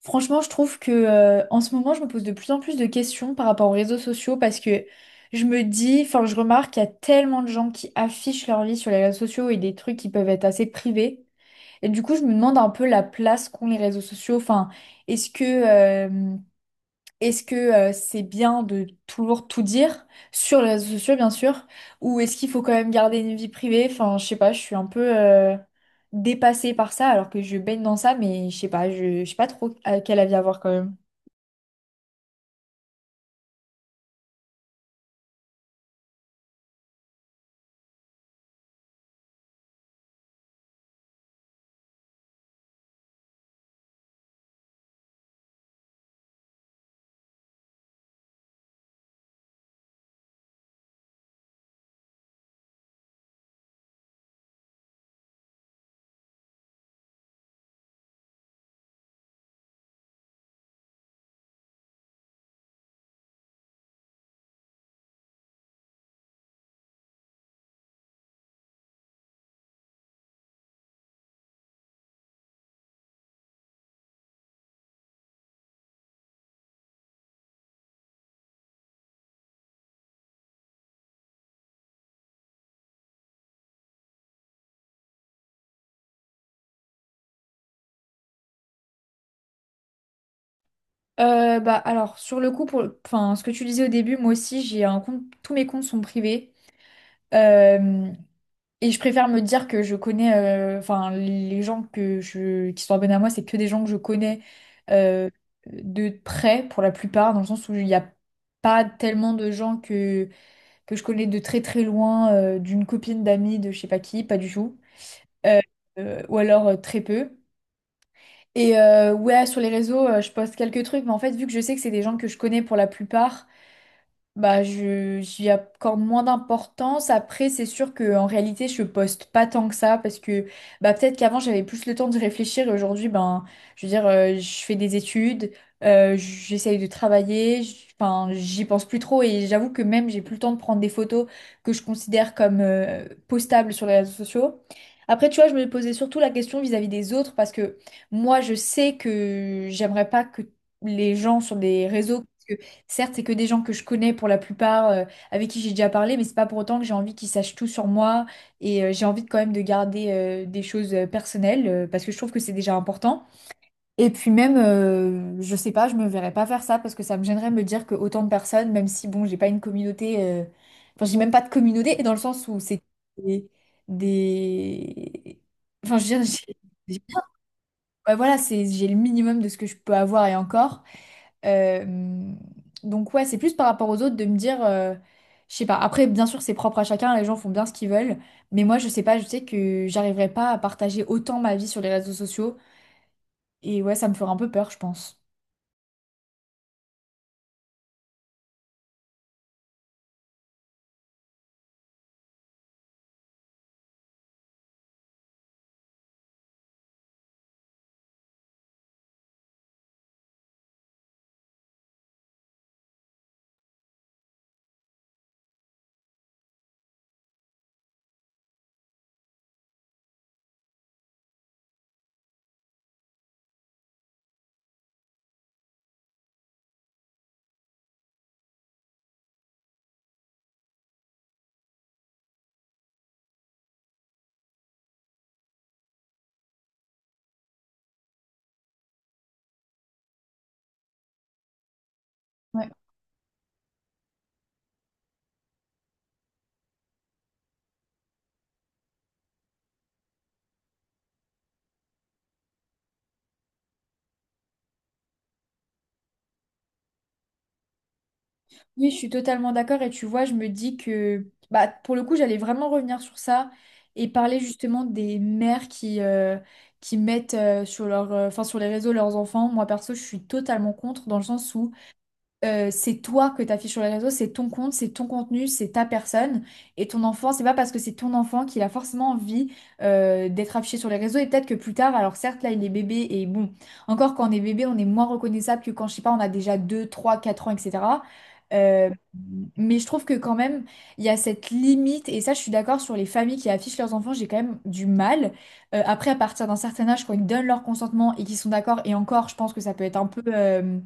Franchement, je trouve que en ce moment, je me pose de plus en plus de questions par rapport aux réseaux sociaux parce que je me dis, enfin, je remarque qu'il y a tellement de gens qui affichent leur vie sur les réseaux sociaux et des trucs qui peuvent être assez privés. Et du coup, je me demande un peu la place qu'ont les réseaux sociaux. Enfin, est-ce que euh, est-ce que c'est bien de toujours tout dire sur les réseaux sociaux, bien sûr, ou est-ce qu'il faut quand même garder une vie privée? Enfin, je sais pas, je suis un peu dépassée par ça, alors que je baigne dans ça, mais je sais pas, je sais pas trop à quel avis avoir quand même. Bah alors sur le coup, pour, enfin ce que tu disais au début, moi aussi j'ai un compte, tous mes comptes sont privés. Euh, Et je préfère me dire que je connais, enfin, les gens que je, qui sont abonnés à moi, c'est que des gens que je connais euh, de près pour la plupart, dans le sens où il n'y a pas tellement de gens que je connais de très très loin, d'une copine, d'amis, de je sais pas qui, pas du tout. Euh, ou alors très peu. Et ouais, sur les réseaux, je poste quelques trucs, mais en fait, vu que je sais que c'est des gens que je connais pour la plupart, bah, j'y accorde moins d'importance. Après, c'est sûr que en réalité, je poste pas tant que ça parce que bah, peut-être qu'avant, j'avais plus le temps de réfléchir et aujourd'hui, ben, je veux dire, je fais des études, j'essaye de travailler, enfin, j'y pense plus trop et j'avoue que même, j'ai plus le temps de prendre des photos que je considère comme postables sur les réseaux sociaux. Après, tu vois, je me posais surtout la question vis-à-vis des autres parce que moi, je sais que j'aimerais pas que les gens sur des réseaux. Certes, c'est que des gens que je connais pour la plupart, avec qui j'ai déjà parlé, mais c'est pas pour autant que j'ai envie qu'ils sachent tout sur moi et j'ai envie quand même de garder des choses personnelles parce que je trouve que c'est déjà important. Et puis même, je sais pas, je me verrais pas faire ça parce que ça me gênerait de me dire que autant de personnes, même si bon, j'ai pas une communauté, enfin j'ai même pas de communauté et dans le sens où c'est des, des- enfin je veux dire, j'ai- ouais, voilà, c'est j'ai le minimum de ce que je peux avoir et encore. Euh, donc ouais, c'est plus par rapport aux autres de me dire, je sais pas. Après, bien sûr, c'est propre à chacun, les gens font bien ce qu'ils veulent, mais moi, je sais pas, je sais que j'arriverai pas à partager autant ma vie sur les réseaux sociaux, et ouais, ça me ferait un peu peur, je pense. Ouais. Oui, je suis totalement d'accord, et tu vois, je me dis que, bah, pour le coup, j'allais vraiment revenir sur ça et parler justement des mères qui mettent sur leur, enfin, sur les réseaux leurs enfants. Moi, perso, je suis totalement contre, dans le sens où c'est toi que t'affiches sur les réseaux, c'est ton compte, c'est ton contenu, c'est ta personne. Et ton enfant, c'est pas parce que c'est ton enfant qu'il a forcément envie d'être affiché sur les réseaux. Et peut-être que plus tard, alors certes, là, il est bébé et bon, encore quand on est bébé, on est moins reconnaissable que quand, je sais pas, on a déjà 2, 3, 4 ans, etc. Euh, Ouais. Mais je trouve que quand même, il y a cette limite, et ça, je suis d'accord sur les familles qui affichent leurs enfants, j'ai quand même du mal. Après, à partir d'un certain âge, quand ils donnent leur consentement et qu'ils sont d'accord, et encore, je pense que ça peut être un peu.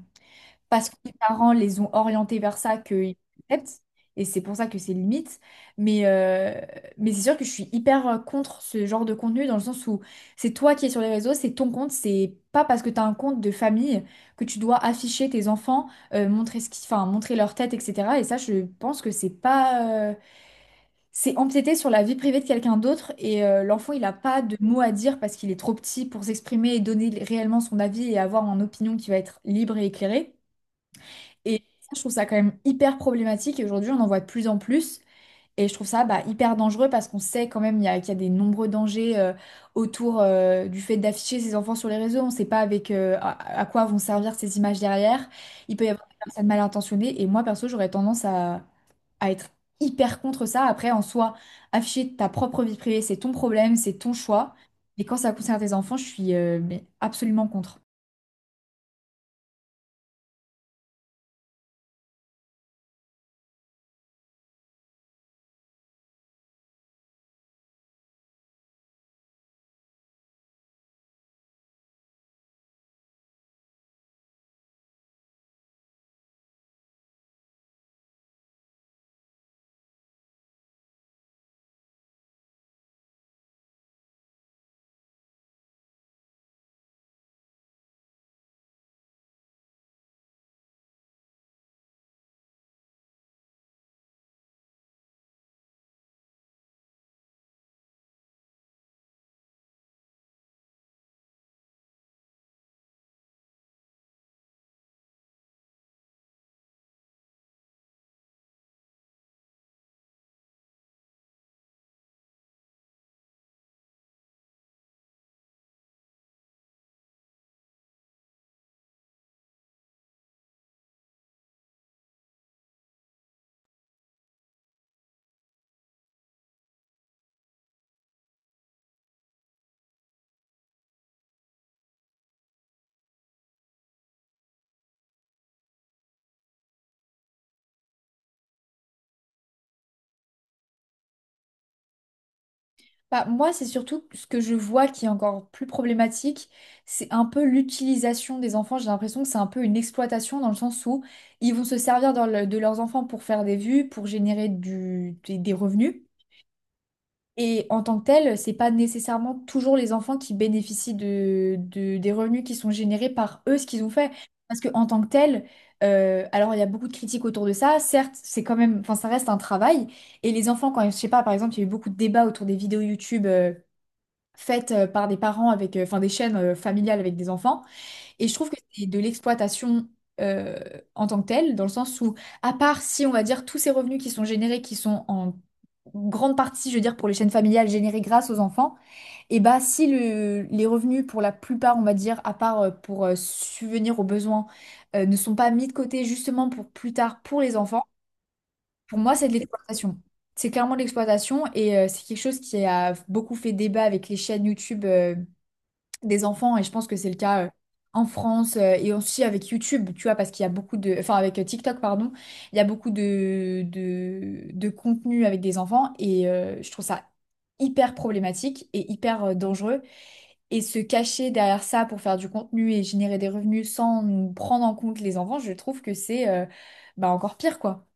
Parce que les parents les ont orientés vers ça qu'ils acceptent. Et c'est pour ça que c'est limite. Mais, euh, mais c'est sûr que je suis hyper contre ce genre de contenu dans le sens où c'est toi qui es sur les réseaux, c'est ton compte, c'est pas parce que tu as un compte de famille que tu dois afficher tes enfants, montrer ce qui, enfin, montrer leur tête, etc. Et ça, je pense que c'est pas, c'est empiéter sur la vie privée de quelqu'un d'autre et l'enfant, il n'a pas de mots à dire parce qu'il est trop petit pour s'exprimer et donner réellement son avis et avoir une opinion qui va être libre et éclairée. Et ça, je trouve ça quand même hyper problématique. Et aujourd'hui, on en voit de plus en plus. Et je trouve ça bah, hyper dangereux parce qu'on sait quand même qu'il y a des nombreux dangers autour du fait d'afficher ses enfants sur les réseaux. On ne sait pas avec à quoi vont servir ces images derrière. Il peut y avoir des personnes mal intentionnées. Et moi, perso, j'aurais tendance à être hyper contre ça. Après, en soi, afficher ta propre vie privée, c'est ton problème, c'est ton choix. Et quand ça concerne tes enfants, je suis mais absolument contre. Bah, moi, c'est surtout ce que je vois qui est encore plus problématique, c'est un peu l'utilisation des enfants. J'ai l'impression que c'est un peu une exploitation dans le sens où ils vont se servir de leurs enfants pour faire des vues, pour générer des revenus. Et en tant que tel, c'est pas nécessairement toujours les enfants qui bénéficient des revenus qui sont générés par eux, ce qu'ils ont fait. Parce que en tant que tel, alors il y a beaucoup de critiques autour de ça. Certes, c'est quand même, enfin, ça reste un travail. Et les enfants, quand, je sais pas, par exemple, il y a eu beaucoup de débats autour des vidéos YouTube. Faites par des parents avec, enfin des chaînes familiales avec des enfants. Et je trouve que c'est de l'exploitation euh, en tant que telle, dans le sens où, à part si on va dire tous ces revenus qui sont générés, qui sont en grande partie, je veux dire, pour les chaînes familiales générées grâce aux enfants, et bah si le- les revenus pour la plupart, on va dire, à part pour subvenir aux besoins, ne sont pas mis de côté justement pour plus tard pour les enfants, pour moi c'est de l'exploitation. C'est clairement de l'exploitation et c'est quelque chose qui a beaucoup fait débat avec les chaînes YouTube des enfants, et je pense que c'est le cas en France et aussi avec YouTube, tu vois, parce qu'il y a beaucoup de... Enfin, avec TikTok, pardon, il y a beaucoup de contenu avec des enfants, et je trouve ça hyper problématique et hyper dangereux. Et se cacher derrière ça pour faire du contenu et générer des revenus sans prendre en compte les enfants, je trouve que c'est bah, encore pire, quoi.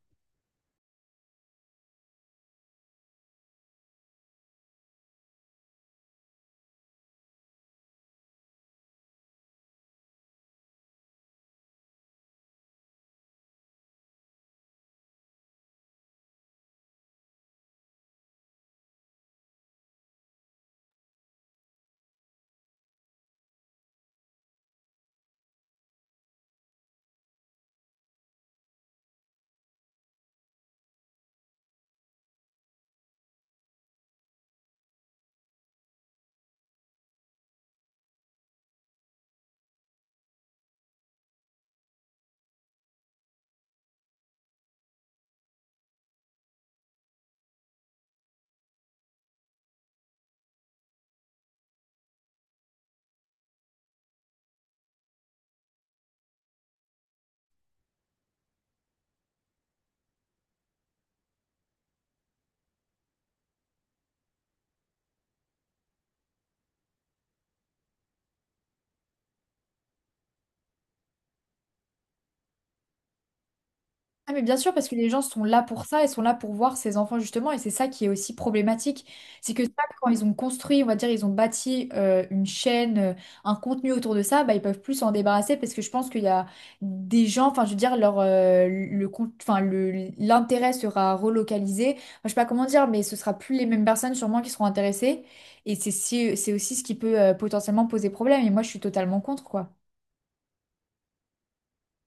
Ah mais bien sûr, parce que les gens sont là pour ça, ils sont là pour voir ces enfants justement, et c'est ça qui est aussi problématique. C'est que ça, quand ils ont construit, on va dire, ils ont bâti une chaîne, un contenu autour de ça, bah, ils peuvent plus s'en débarrasser parce que je pense qu'il y a des gens, enfin je veux dire, enfin, l'intérêt sera relocalisé. Enfin, je sais pas comment dire, mais ce sera plus les mêmes personnes sûrement qui seront intéressées. Et c'est si- c'est aussi ce qui peut potentiellement poser problème, et moi je suis totalement contre, quoi.